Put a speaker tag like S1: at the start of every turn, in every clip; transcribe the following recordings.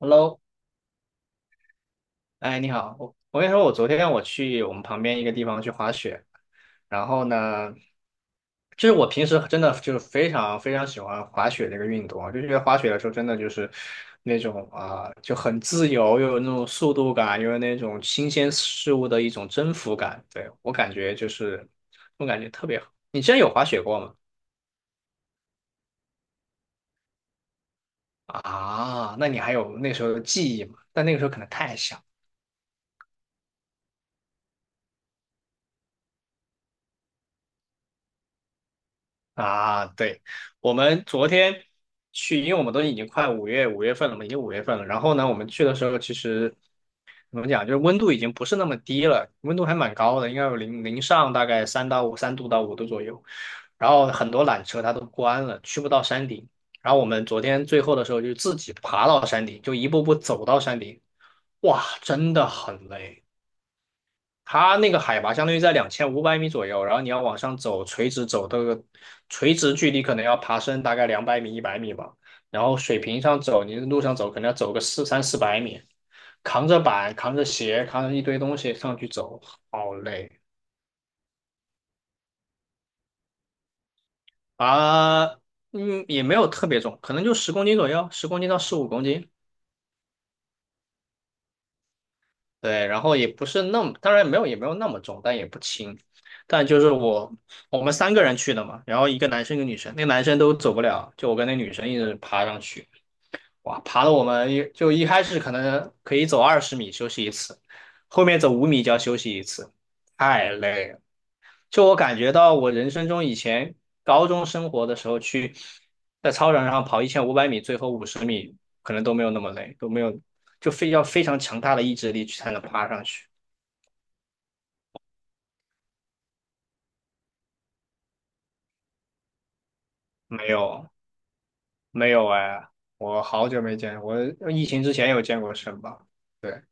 S1: Hello，哎，你好，我跟你说，我昨天我去我们旁边一个地方去滑雪，然后呢，就是我平时真的就是非常非常喜欢滑雪这个运动啊，就觉得滑雪的时候真的就是那种啊、就很自由，又有那种速度感，又有那种新鲜事物的一种征服感，对，我感觉就是我感觉特别好。你之前有滑雪过吗？啊，那你还有那时候的记忆吗？但那个时候可能太小。啊，对，我们昨天去，因为我们都已经快五月份了嘛，已经五月份了。然后呢，我们去的时候其实怎么讲，就是温度已经不是那么低了，温度还蛮高的，应该有零上大概3度到5度左右。然后很多缆车它都关了，去不到山顶。然后我们昨天最后的时候就自己爬到山顶，就一步步走到山顶，哇，真的很累。它那个海拔相当于在2500米左右，然后你要往上走，垂直走这个垂直距离可能要爬升大概200米、100米吧。然后水平上走，你路上走可能要走个三四百米，扛着板、扛着鞋、扛着一堆东西上去走，好累啊。嗯，也没有特别重，可能就十公斤左右，十公斤到15公斤。对，然后也不是那么，当然没有也没有那么重，但也不轻。但就是我们3个人去的嘛，然后一个男生一个女生，那个男生都走不了，就我跟那女生一直爬上去，哇，爬的我们一开始可能可以走20米休息一次，后面走5米就要休息一次，太累了。就我感觉到我人生中以前高中生活的时候去在操场上跑1500米，最后50米可能都没有那么累，都没有就非要非常强大的意志力去才能爬上去。没有没有哎，我好久没见，我疫情之前有健过身吧？对，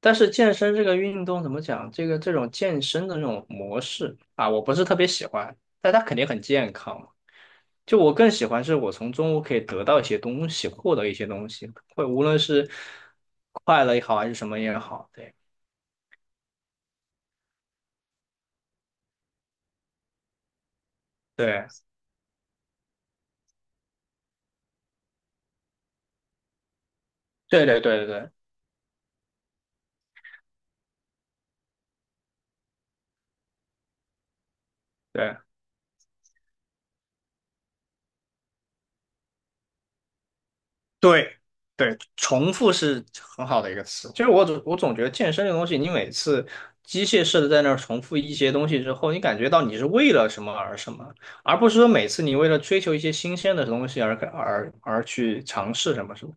S1: 但是健身这个运动怎么讲？这个这种健身的这种模式啊，我不是特别喜欢，但它肯定很健康嘛就我更喜欢是我从中我可以得到一些东西，获得一些东西，会无论是快乐也好，还是什么也好，对对对对对对对。对对，重复是很好的一个词。其实我总觉得健身这个东西，你每次机械式的在那儿重复一些东西之后，你感觉到你是为了什么而什么，而不是说每次你为了追求一些新鲜的东西而去尝试什么什么，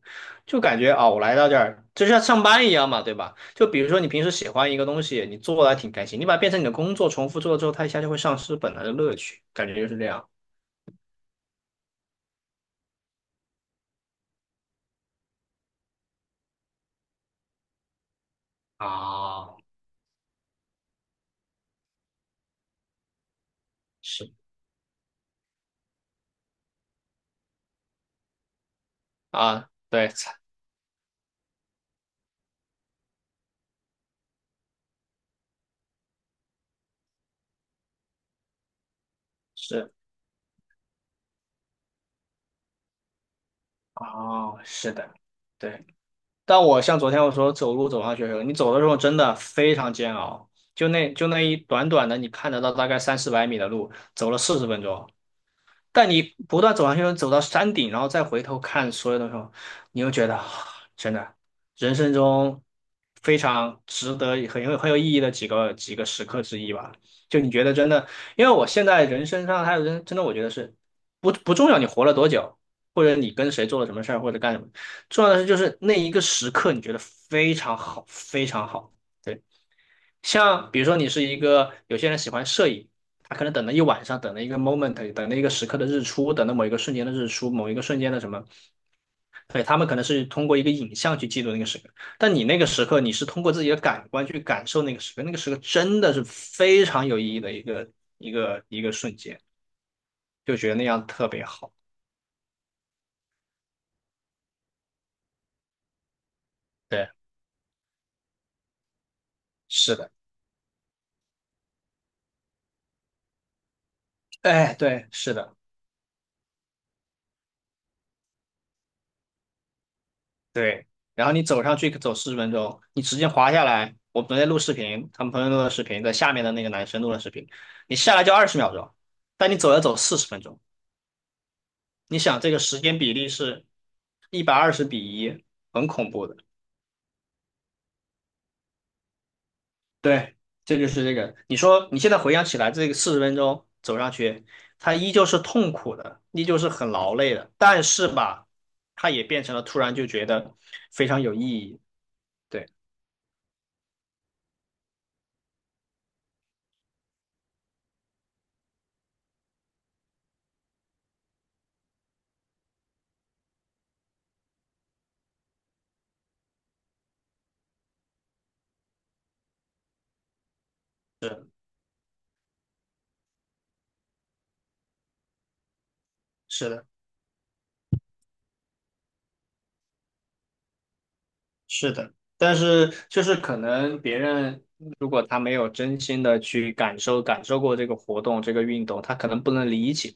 S1: 就感觉啊，我来到这儿就像上班一样嘛，对吧？就比如说你平时喜欢一个东西，你做的还挺开心，你把它变成你的工作，重复做了之后，它一下就会丧失本来的乐趣，感觉就是这样啊，是。啊。对，是。哦，是的，对。但我像昨天我说走路走上学的时候你走的时候真的非常煎熬，就那一短短的，你看得到大概三四百米的路，走了四十分钟。但你不断走上去，走到山顶，然后再回头看所有的时候，你又觉得啊真的，人生中非常值得、很有意义的几个时刻之一吧。就你觉得真的，因为我现在人生上还有人，真的我觉得是不重要，你活了多久，或者你跟谁做了什么事儿，或者干什么，重要的是就是那一个时刻，你觉得非常好，非常好。对。像比如说你是一个，有些人喜欢摄影，他可能等了一晚上，等了一个 moment，等了一个时刻的日出，等了某一个瞬间的日出，某一个瞬间的什么，对，他们可能是通过一个影像去记录那个时刻，但你那个时刻，你是通过自己的感官去感受那个时刻，那个时刻真的是非常有意义的一个瞬间，就觉得那样特别好。对，是的，哎，对，是的。对，然后你走上去走四十分钟，你直接滑下来。我昨天录视频，他们朋友录的视频，在下面的那个男生录的视频，你下来就20秒钟，但你走要走四十分钟。你想这个时间比例是120比1，很恐怖的。对，这就是这个。你说你现在回想起来，这个四十分钟走上去，它依旧是痛苦的，依旧是很劳累的，但是吧，它也变成了突然就觉得非常有意义。对，是是的。是的，但是就是可能别人如果他没有真心的去感受感受过这个活动、这个运动，他可能不能理解。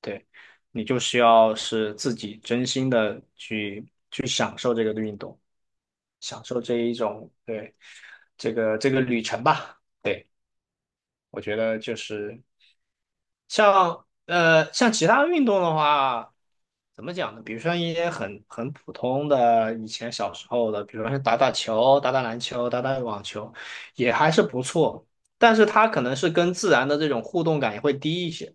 S1: 对，你就需要是自己真心的去享受这个运动，享受这一种，对，这个旅程吧。对，我觉得就是。像其他运动的话，怎么讲呢？比如说一些很普通的以前小时候的，比如说是打打球、打打篮球、打打网球，也还是不错。但是它可能是跟自然的这种互动感也会低一些。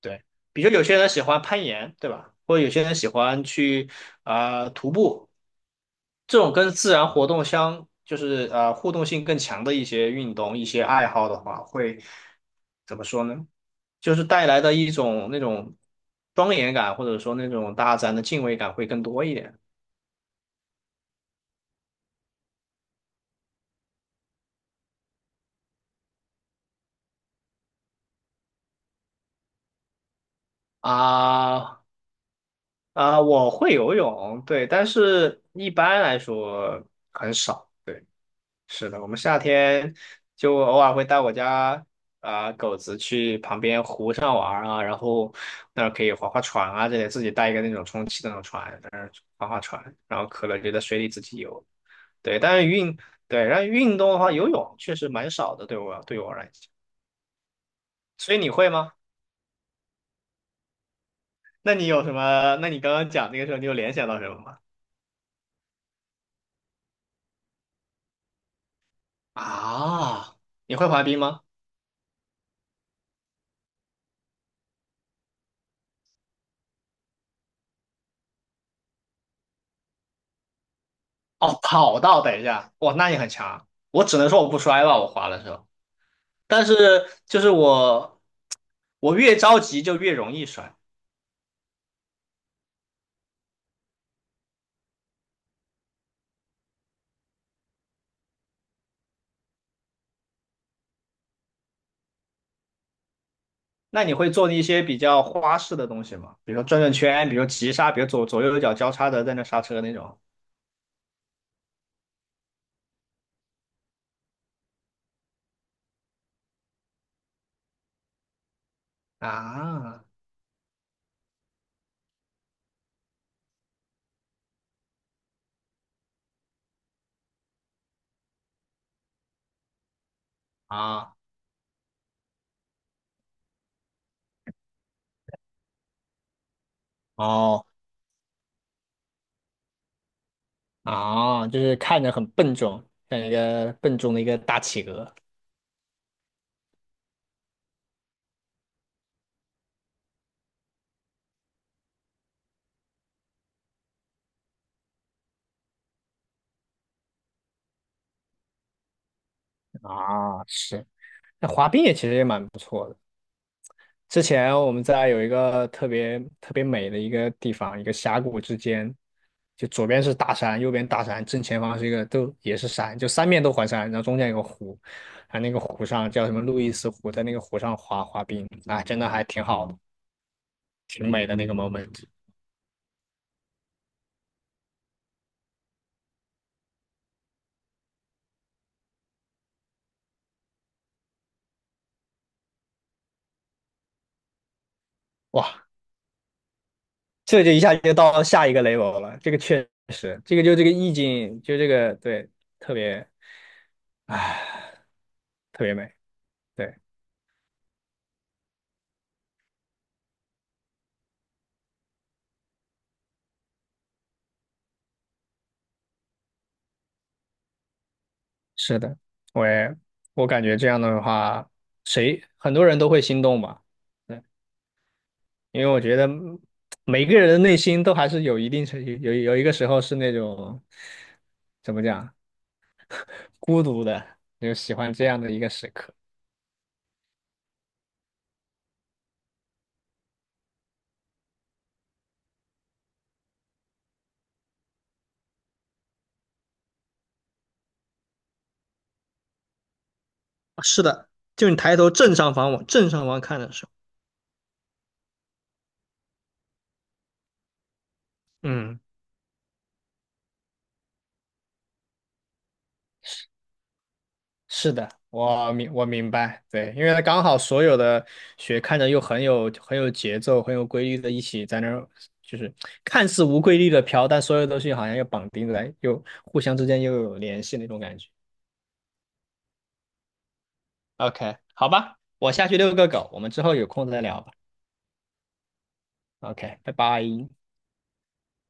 S1: 对，比如有些人喜欢攀岩，对吧？或者有些人喜欢去徒步。这种跟自然活动相，就是互动性更强的一些运动、一些爱好的话，会怎么说呢？就是带来的一种那种庄严感，或者说那种大自然的敬畏感会更多一点啊啊！我会游泳，对，但是一般来说很少。对。是的，我们夏天就偶尔会带我家狗子去旁边湖上玩儿啊，然后那儿可以划划船啊，这些自己带一个那种充气的那种船，在那儿划划船，然后渴了就在水里自己游。对，但是对，然后运动的话，游泳确实蛮少的，对我来讲。所以你会吗？那你有什么？那你刚刚讲那个时候，你有联想到什么吗？啊，你会滑冰吗？哦，跑道，等一下，哇，那你很强。我只能说我不摔吧，我滑的时候。但是就是我，我越着急就越容易摔。那你会做一些比较花式的东西吗？比如说转转圈，比如急刹，比如左右脚交叉的在那刹车那种。啊啊哦啊，就是看着很笨重，像一个笨重的一个大企鹅啊，是。那滑冰也其实也蛮不错的。之前我们在有一个特别特别美的一个地方，一个峡谷之间，就左边是大山，右边大山，正前方是一个都也是山，就三面都环山，然后中间有个湖，啊，那个湖上叫什么路易斯湖，在那个湖上滑滑冰，啊，真的还挺好的，挺美的那个 moment。哇，这就一下就到下一个 level 了，这个确实，这个就这个意境，就这个对，特别，唉，特别美，对，是的，我也我感觉这样的话，谁很多人都会心动吧？对，因为我觉得嗯每个人的内心都还是有一定程有有有一个时候是那种怎么讲孤独的，就喜欢这样的一个时刻。是的，就你抬头正上方往正上方看的时候，嗯。是的，我明白，对，因为它刚好所有的雪看着又很有节奏、很有规律的，一起在那儿，就是看似无规律的飘，但所有东西好像又绑定在，又互相之间又有联系那种感觉。OK，好吧，我下去遛个狗，我们之后有空再聊吧。OK，拜拜。